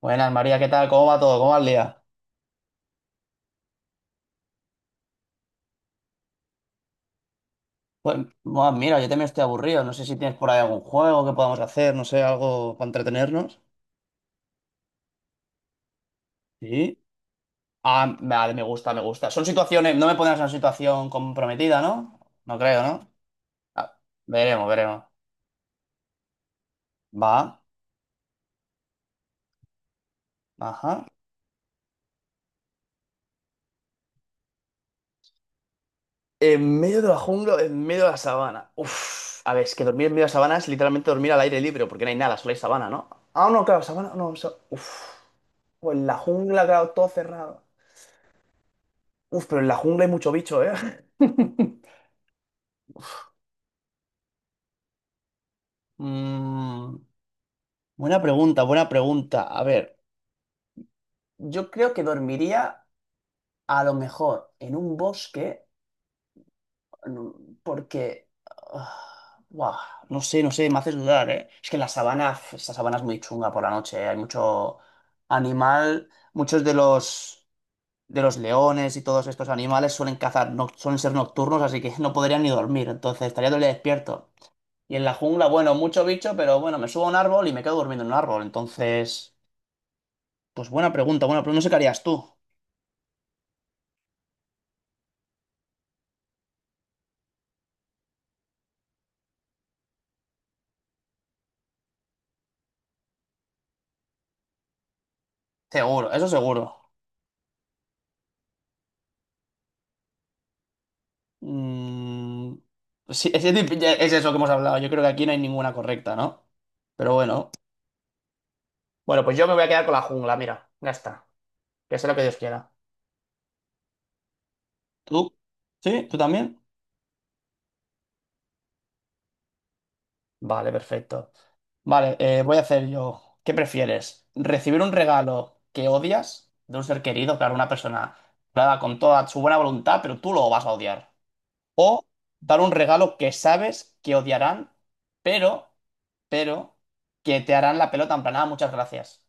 Buenas, María, ¿qué tal? ¿Cómo va todo? ¿Cómo va el día? Pues, bueno, mira, yo también estoy aburrido. No sé si tienes por ahí algún juego que podamos hacer, no sé, algo para entretenernos. Sí. Ah, vale, me gusta, me gusta. Son situaciones, no me pones en una situación comprometida, ¿no? No creo, ¿no? Ah, veremos, veremos. Va, ajá. En medio de la jungla, o en medio de la sabana. Uf, a ver, es que dormir en medio de la sabana es literalmente dormir al aire libre, porque no hay nada, solo hay sabana, ¿no? Ah, no, claro, sabana, no, uf. O en la jungla, claro, todo cerrado. Uf, pero en la jungla hay mucho bicho, ¿eh? Mm, Buena pregunta, buena pregunta. A ver, yo creo que dormiría a lo mejor en un bosque porque... ah, buah, no sé, no sé, me haces dudar, ¿eh? Es que en la sabana, esta sabana es muy chunga por la noche, ¿eh? Hay mucho animal, muchos de los leones y todos estos animales suelen cazar, no, suelen ser nocturnos, así que no podrían ni dormir, entonces estaría todo el día despierto. Y en la jungla, bueno, mucho bicho, pero bueno, me subo a un árbol y me quedo durmiendo en un árbol. Entonces, pues buena pregunta, bueno, pero no sé qué harías tú. Seguro, eso seguro. Mm, sí, es eso que hemos hablado. Yo creo que aquí no hay ninguna correcta, ¿no? Pero bueno. Bueno, pues yo me voy a quedar con la jungla, mira. Ya está. Que sea lo que Dios quiera. ¿Tú? ¿Sí? ¿Tú también? Vale, perfecto. Vale, voy a hacer yo. ¿Qué prefieres? ¿Recibir un regalo que odias de un ser querido, claro, una persona claro, con toda su buena voluntad, pero tú lo vas a odiar? ¿O dar un regalo que sabes que odiarán, pero, pero, que te harán la pelota en plan, "Ah, muchas gracias"?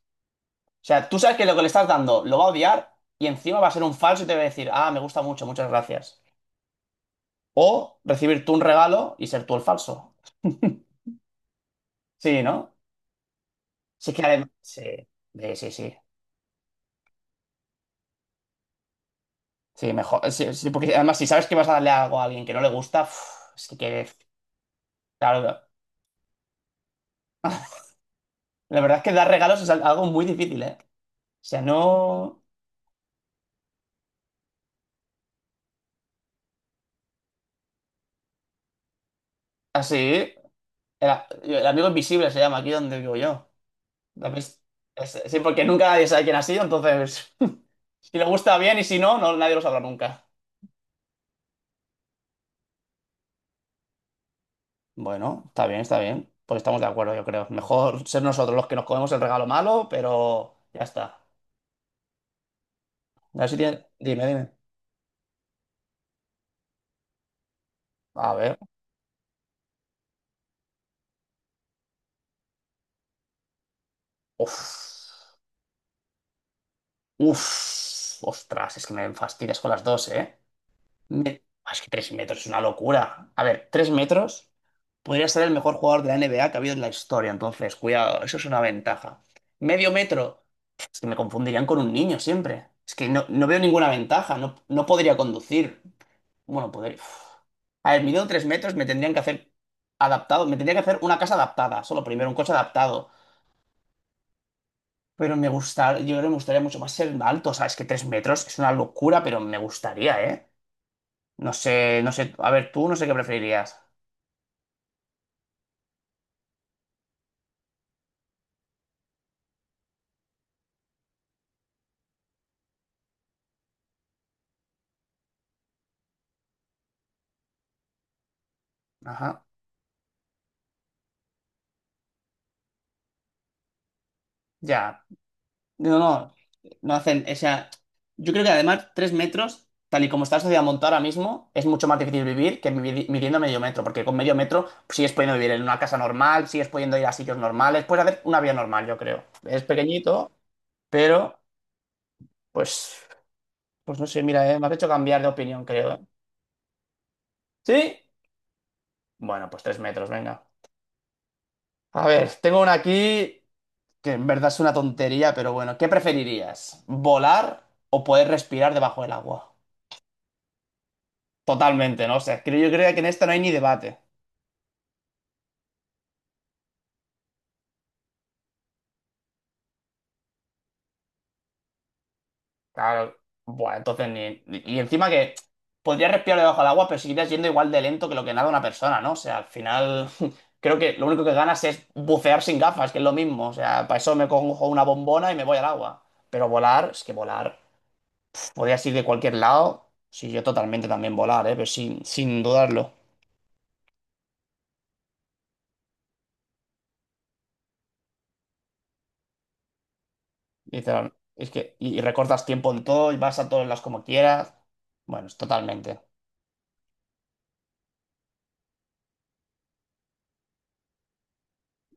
O sea, tú sabes que lo que le estás dando lo va a odiar y encima va a ser un falso y te va a decir, ah, me gusta mucho, muchas gracias. O recibir tú un regalo y ser tú el falso. Sí, ¿no? Sí que además, sí, sí, sí, sí, sí, mejor, sí, sí, porque además si sabes que vas a darle algo a alguien que no le gusta, uf, es que, claro, la verdad es que dar regalos es algo muy difícil, ¿eh? O sea, no, así, el amigo invisible se llama aquí donde vivo yo. ¿Lo has sí, porque nunca nadie sabe quién ha sido, entonces, si le gusta bien y si no, no, nadie lo sabrá nunca. Bueno, está bien, pues estamos de acuerdo, yo creo, mejor ser nosotros los que nos comemos el regalo malo, pero ya está. A ver si dime, dime, a ver. Uf, uf, ostras, es que me fastidias con las dos, ¿eh? Ah, es que 3 metros es una locura. A ver, 3 metros podría ser el mejor jugador de la NBA que ha habido en la historia, entonces, cuidado, eso es una ventaja. Medio metro, es que me confundirían con un niño siempre. Es que no, no veo ninguna ventaja, no, no podría conducir. Bueno, podría... uf. A ver, midiendo 3 metros me tendrían que hacer adaptado, me tendría que hacer una casa adaptada, solo primero un coche adaptado. Pero me gusta, yo creo que me gustaría mucho más ser alto, o sea, es que 3 metros es una locura, pero me gustaría, ¿eh? No sé, no sé, a ver, tú no sé qué preferirías. Ajá, ya. No, no, no hacen, o sea, yo creo que además 3 metros, tal y como está la sociedad montada ahora mismo, es mucho más difícil vivir que midiendo medio metro, porque con medio metro pues, sigues pudiendo vivir en una casa normal, sigues pudiendo ir a sitios normales, puedes hacer una vida normal, yo creo. Es pequeñito, pero, pues, pues no sé, mira, me has hecho cambiar de opinión, creo, ¿eh? ¿Sí? Bueno, pues 3 metros, venga. A ver, tengo una aquí que en verdad es una tontería, pero bueno, ¿qué preferirías? ¿Volar o poder respirar debajo del agua? Totalmente, ¿no? O sea, creo, yo creo que en esta no hay ni debate. Claro, bueno, entonces ni... Y encima que podrías respirar debajo del agua, pero seguirías yendo igual de lento que lo que nada una persona, ¿no? O sea, al final creo que lo único que ganas es bucear sin gafas, que es lo mismo. O sea, para eso me cojo una bombona y me voy al agua. Pero volar, es que volar... Podrías ir de cualquier lado. Sí, yo totalmente también volar, ¿eh? Pero sin dudarlo. Literal. Es que, y recortas tiempo en todo y vas a todos lados como quieras. Bueno, es totalmente.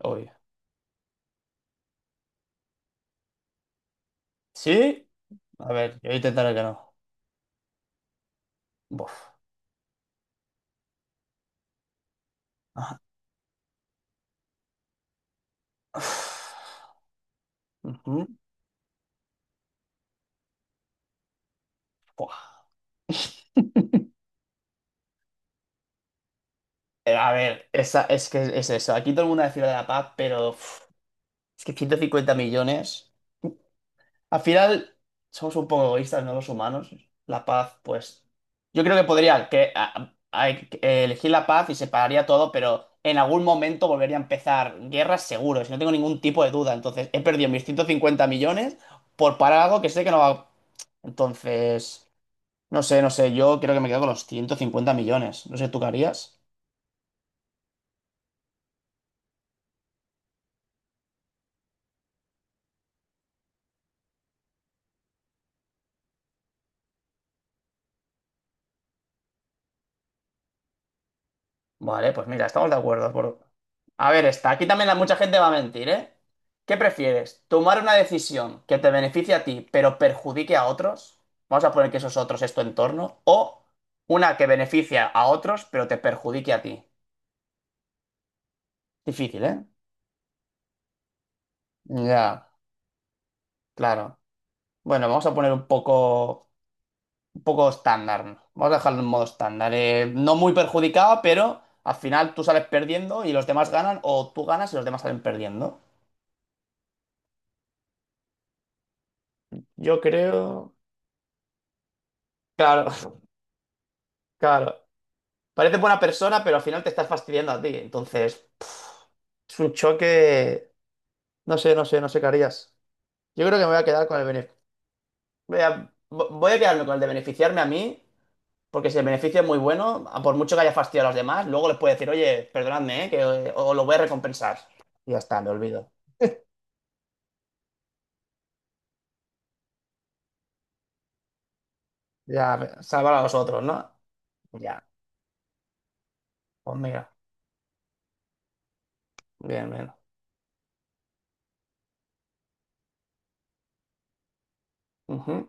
Uy. ¿Sí? A ver, yo intentaré que no. Buf. Ajá. Ujú. Buah. A ver, esa, es que es eso. Aquí todo el mundo decir lo de la paz, pero uf, es que 150 millones. Al final, somos un poco egoístas, ¿no? Los humanos. La paz, pues. Yo creo que podría que, elegir la paz y separaría todo, pero en algún momento volvería a empezar guerras seguro, si no tengo ningún tipo de duda. Entonces, he perdido mis 150 millones por parar algo que sé que no va. Entonces, no sé, no sé. Yo creo que me quedo con los 150 millones. No sé, ¿tú qué harías? Vale, pues mira, estamos de acuerdo. A ver, está. Aquí también mucha gente va a mentir, ¿eh? ¿Qué prefieres? ¿Tomar una decisión que te beneficie a ti, pero perjudique a otros? Vamos a poner que esos otros es tu entorno. ¿O una que beneficia a otros, pero te perjudique a ti? Difícil, ¿eh? Ya, claro. Bueno, vamos a poner un poco estándar, ¿no? Vamos a dejarlo en modo estándar. No muy perjudicado, pero al final tú sales perdiendo y los demás ganan, o tú ganas y los demás salen perdiendo. Yo creo. Claro, claro. Parece buena persona, pero al final te estás fastidiando a ti. Entonces, es un choque. No sé, no sé, no sé qué harías. Yo creo que me voy a quedar con el beneficio. Voy a quedarme con el de beneficiarme a mí, porque si el beneficio es muy bueno, a por mucho que haya fastidiado a los demás, luego les puedo decir, oye, perdonadme, ¿eh? Que os lo voy a recompensar. Y ya está, me olvido. Ya, salvar a los otros, ¿no? Ya, pues mira. Bien, bien. Ujú,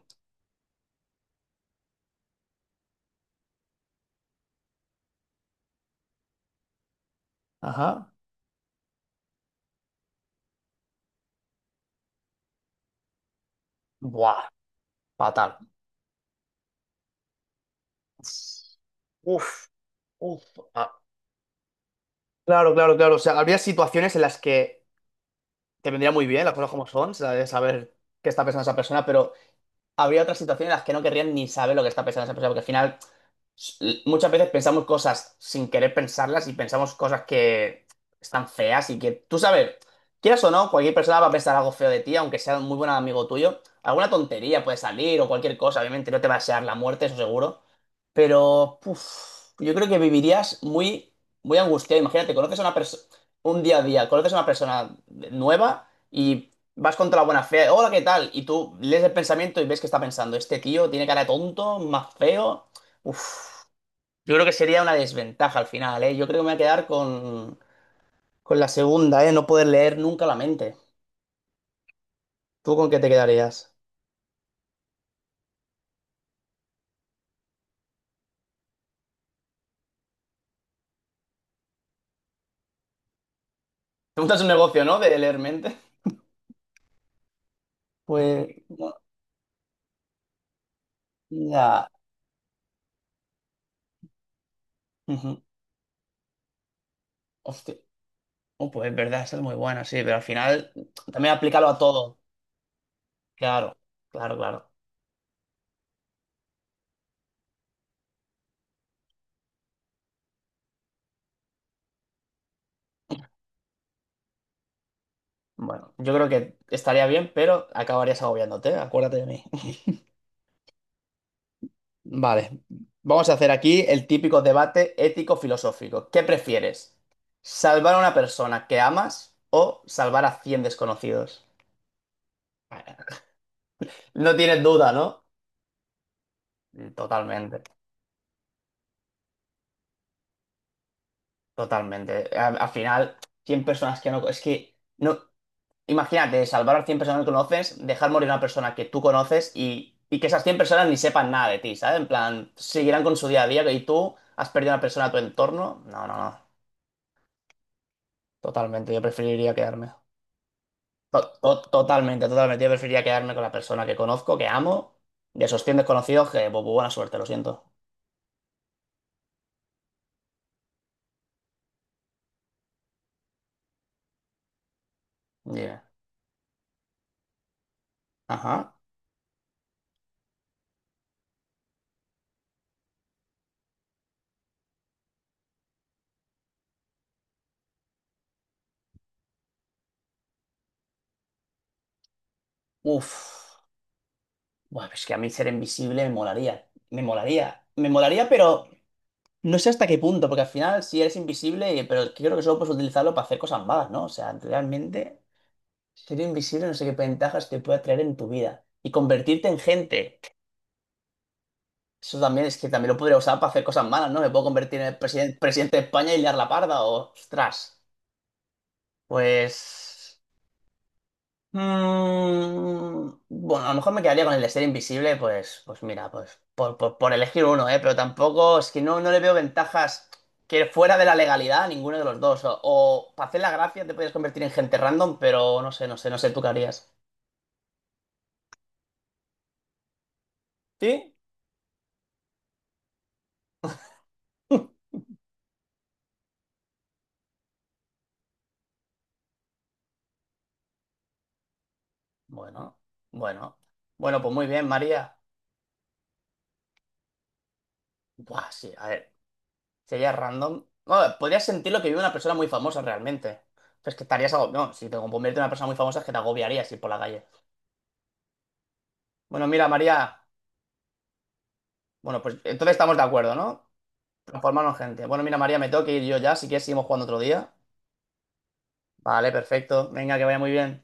ajá. Buah, fatal. Uf, uf. Claro, claro, claro. O sea, habría situaciones en las que te vendría muy bien las cosas como son, ¿sabes? Saber qué está pensando esa persona, pero habría otras situaciones en las que no querrían ni saber lo que está pensando esa persona, porque al final s- muchas veces pensamos cosas sin querer pensarlas y pensamos cosas que están feas y que tú sabes, quieras o no, cualquier persona va a pensar algo feo de ti, aunque sea un muy buen amigo tuyo. Alguna tontería puede salir o cualquier cosa, obviamente no te va a desear la muerte, eso seguro. Pero puf, yo creo que vivirías muy, muy angustiado. Imagínate, conoces a una persona, un día a día, conoces a una persona nueva y vas contra la buena fe. Hola, ¿qué tal? Y tú lees el pensamiento y ves que está pensando, este tío tiene cara de tonto, más feo. Uf. Yo creo que sería una desventaja al final, ¿eh? Yo creo que me voy a quedar con la segunda, ¿eh? No poder leer nunca la mente. ¿Tú con qué te quedarías? Te montas un negocio, ¿no? De leer mente. Pues, no, ya. Ujú. Hostia. Oh, pues es verdad, esa es muy buena, sí, pero al final también aplícalo a todo. Claro, claro, claro. Bueno, yo creo que estaría bien, pero acabarías agobiándote, acuérdate de mí. Vale, vamos a hacer aquí el típico debate ético-filosófico. ¿Qué prefieres? ¿Salvar a una persona que amas o salvar a 100 desconocidos? No tienes duda, ¿no? Totalmente, totalmente. Al final, 100 personas que no... Es que, no, imagínate, salvar a 100 personas que conoces, dejar morir a una persona que tú conoces y que esas 100 personas ni sepan nada de ti, ¿sabes? En plan, seguirán con su día a día y tú has perdido a una persona de tu entorno. No, no, no. Totalmente, yo preferiría quedarme. Totalmente, totalmente. Yo preferiría quedarme con la persona que conozco, que amo, de esos 100 desconocidos que, pues, buena suerte, lo siento. Dime. Ajá. Uf. Buah, es que a mí ser invisible me molaría. Me molaría. Me molaría, pero no sé hasta qué punto, porque al final si eres invisible, pero es que creo que solo puedes utilizarlo para hacer cosas malas, ¿no? O sea, realmente ser invisible no sé qué ventajas te puede traer en tu vida. Y convertirte en gente. Eso también es que también lo podría usar para hacer cosas malas, ¿no? Me puedo convertir en el presidente de España y liar la parda, o... Ostras. Pues... mm, bueno, a lo mejor me quedaría con el de ser invisible, pues mira, pues por elegir uno, ¿eh? Pero tampoco es que no le veo ventajas que fuera de la legalidad a ninguno de los dos. O para hacer la gracia te puedes convertir en gente random, pero no sé, no sé, no sé, ¿tú qué harías? ¿Sí? Bueno, bueno. Bueno, pues muy bien, María. Buah, sí, a ver, sería random. Bueno, podrías sentir lo que vive una persona muy famosa realmente. Pues que estarías agobiado. No, si te conviertes en una persona muy famosa es que te agobiarías ir por la calle. Bueno, mira, María. Bueno, pues entonces estamos de acuerdo, ¿no? Transformarnos en gente. Bueno, mira, María, me tengo que ir yo ya. Si quieres, seguimos jugando otro día. Vale, perfecto. Venga, que vaya muy bien.